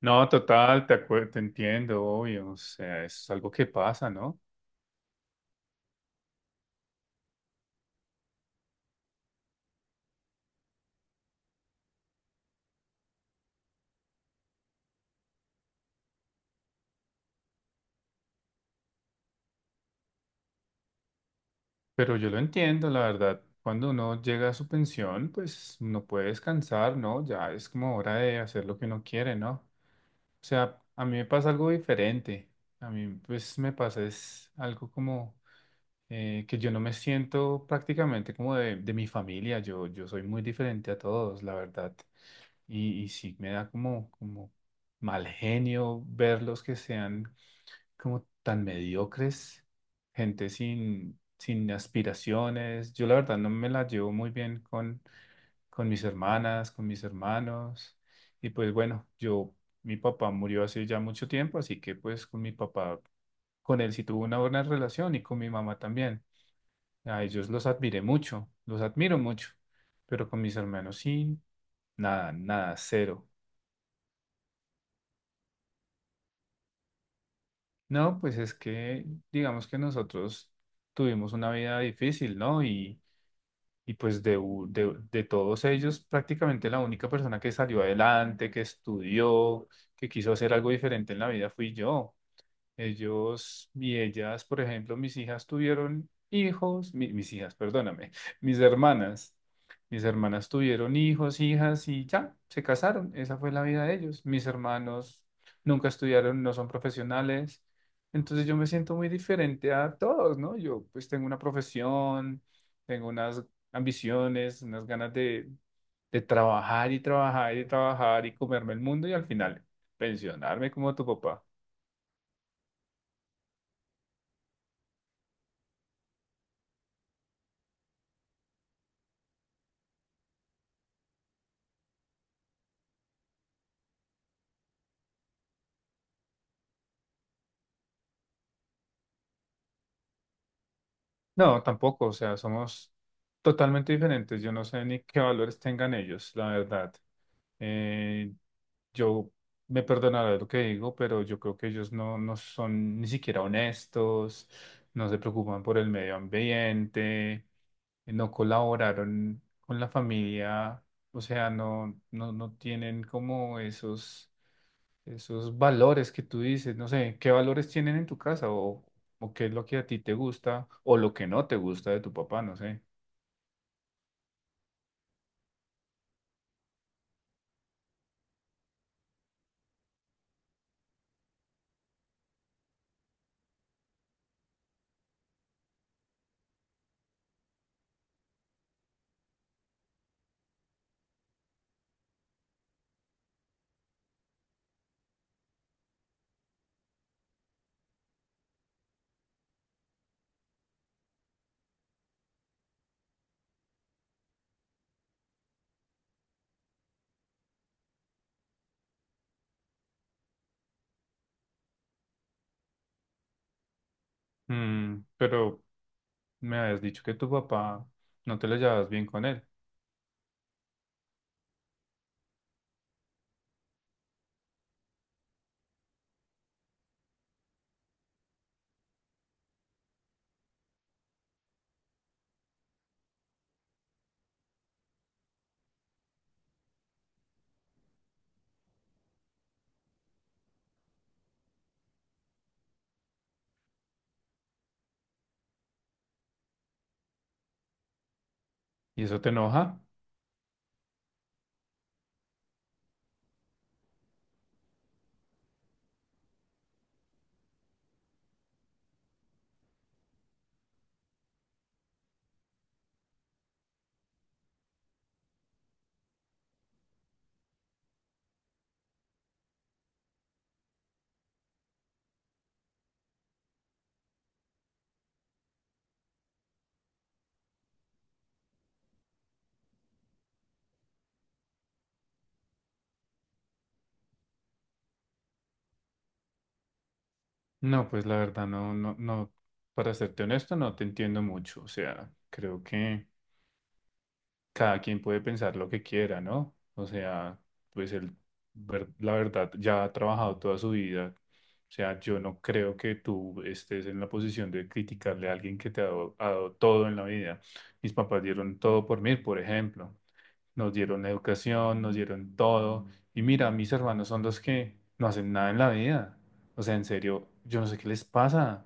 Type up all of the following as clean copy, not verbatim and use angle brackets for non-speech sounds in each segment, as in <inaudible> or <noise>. No, total, te entiendo, obvio, o sea, es algo que pasa, ¿no? Pero yo lo entiendo, la verdad. Cuando uno llega a su pensión, pues no puede descansar, ¿no? Ya es como hora de hacer lo que uno quiere, ¿no? O sea, a mí me pasa algo diferente. A mí, pues, me pasa es algo como que yo no me siento prácticamente como de mi familia. Yo soy muy diferente a todos, la verdad. Y sí, me da como, como mal genio verlos que sean como tan mediocres, gente sin aspiraciones. Yo la verdad no me la llevo muy bien con mis hermanas, con mis hermanos. Y pues bueno, yo, mi papá murió hace ya mucho tiempo, así que pues con mi papá, con él sí tuve una buena relación y con mi mamá también. A ellos los admiré mucho, los admiro mucho, pero con mis hermanos sí, nada, nada, cero. No, pues es que digamos que nosotros tuvimos una vida difícil, ¿no? Y, y pues de todos ellos, prácticamente la única persona que salió adelante, que estudió, que quiso hacer algo diferente en la vida fui yo. Ellos y ellas, por ejemplo, mis hijas tuvieron hijos, mis hijas, perdóname, <laughs> mis hermanas. Mis hermanas tuvieron hijos, hijas y ya, se casaron. Esa fue la vida de ellos. Mis hermanos nunca estudiaron, no son profesionales. Entonces yo me siento muy diferente a todos, ¿no? Yo pues tengo una profesión, tengo unas ambiciones, unas ganas de trabajar y trabajar y trabajar y comerme el mundo y al final pensionarme como tu papá. No, tampoco, o sea, somos totalmente diferentes. Yo no sé ni qué valores tengan ellos, la verdad. Eh, yo me perdonaré lo que digo, pero yo creo que ellos no, no son ni siquiera honestos, no se preocupan por el medio ambiente, no colaboraron con la familia, o sea, no, no, no tienen como esos esos valores que tú dices, no sé, ¿qué valores tienen en tu casa o qué es lo que a ti te gusta o lo que no te gusta de tu papá, no sé. Mm, pero me habías dicho que tu papá no te lo llevabas bien con él y eso te enoja. No, pues la verdad no, no, no, para serte honesto, no te entiendo mucho. O sea, creo que cada quien puede pensar lo que quiera, ¿no? O sea, pues él, la verdad, ya ha trabajado toda su vida. O sea, yo no creo que tú estés en la posición de criticarle a alguien que te ha dado todo en la vida. Mis papás dieron todo por mí, por ejemplo. Nos dieron educación, nos dieron todo. Y mira, mis hermanos son los que no hacen nada en la vida. O sea, en serio, yo no sé qué les pasa.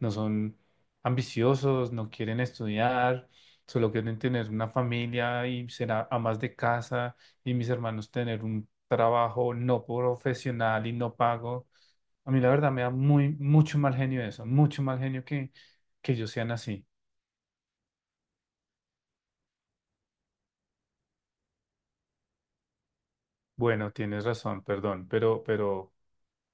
No son ambiciosos, no quieren estudiar solo quieren tener una familia y ser amas de casa y mis hermanos tener un trabajo no profesional y no pago. A mí la verdad me da muy, mucho mal genio eso, mucho mal genio que ellos sean así. Bueno, tienes razón, perdón, pero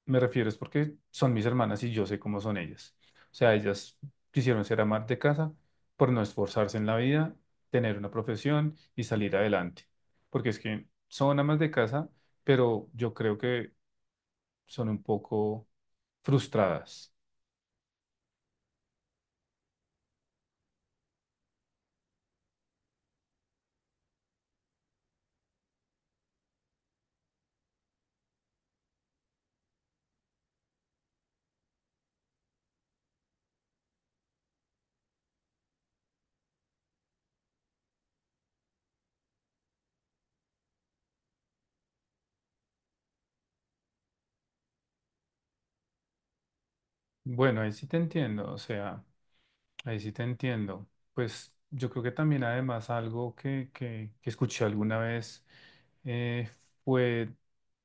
me refiero es porque son mis hermanas y yo sé cómo son ellas. O sea, ellas quisieron ser amas de casa por no esforzarse en la vida, tener una profesión y salir adelante. Porque es que son amas de casa, pero yo creo que son un poco frustradas. Bueno, ahí sí te entiendo, o sea, ahí sí te entiendo. Pues yo creo que también además algo que escuché alguna vez eh, fue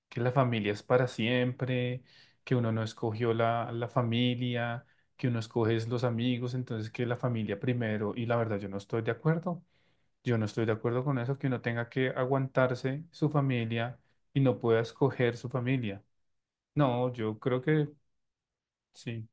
que la familia es para siempre, que uno no escogió la familia, que uno escoge es los amigos, entonces que la familia primero, y la verdad yo no estoy de acuerdo, yo no estoy de acuerdo con eso, que uno tenga que aguantarse su familia y no pueda escoger su familia. No, yo creo que sí.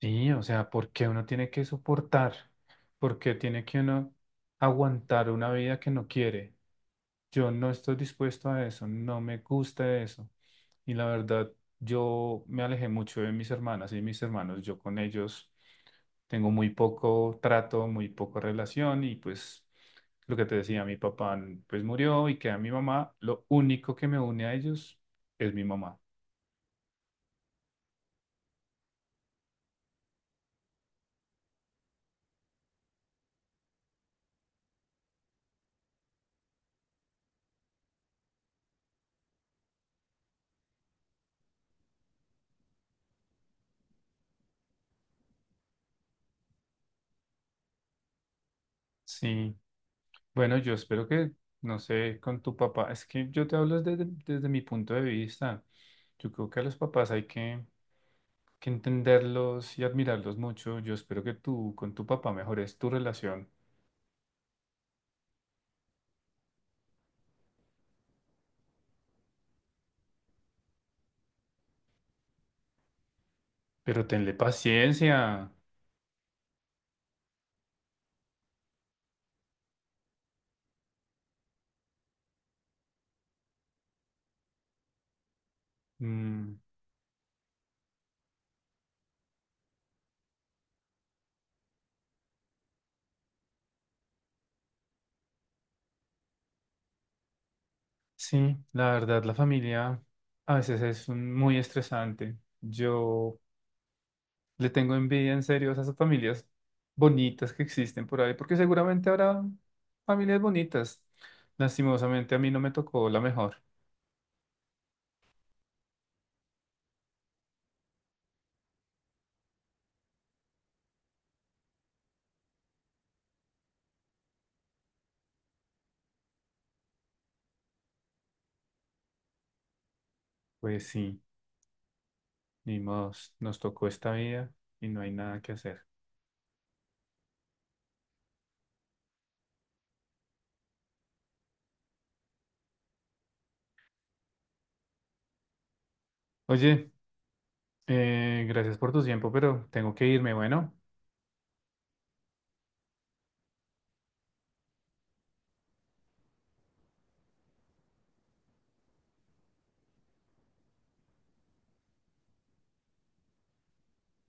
Sí, o sea, ¿por qué uno tiene que soportar? ¿Por qué tiene que uno aguantar una vida que no quiere? Yo no estoy dispuesto a eso, no me gusta eso. Y la verdad, yo me alejé mucho de mis hermanas y mis hermanos. Yo con ellos tengo muy poco trato, muy poca relación y pues lo que te decía, mi papá pues murió y queda mi mamá. Lo único que me une a ellos es mi mamá. Sí, bueno, yo espero que, no sé, con tu papá, es que yo te hablo desde mi punto de vista. Yo creo que a los papás hay que entenderlos y admirarlos mucho. Yo espero que tú con tu papá mejores tu relación. Pero tenle paciencia. Mm, sí, la verdad, la familia a veces es muy estresante. Yo le tengo envidia en serio a esas familias bonitas que existen por ahí, porque seguramente habrá familias bonitas. Lastimosamente a mí no me tocó la mejor. Pues sí, ni modos, nos tocó esta vida y no hay nada que hacer. Oye, gracias por tu tiempo, pero tengo que irme, bueno.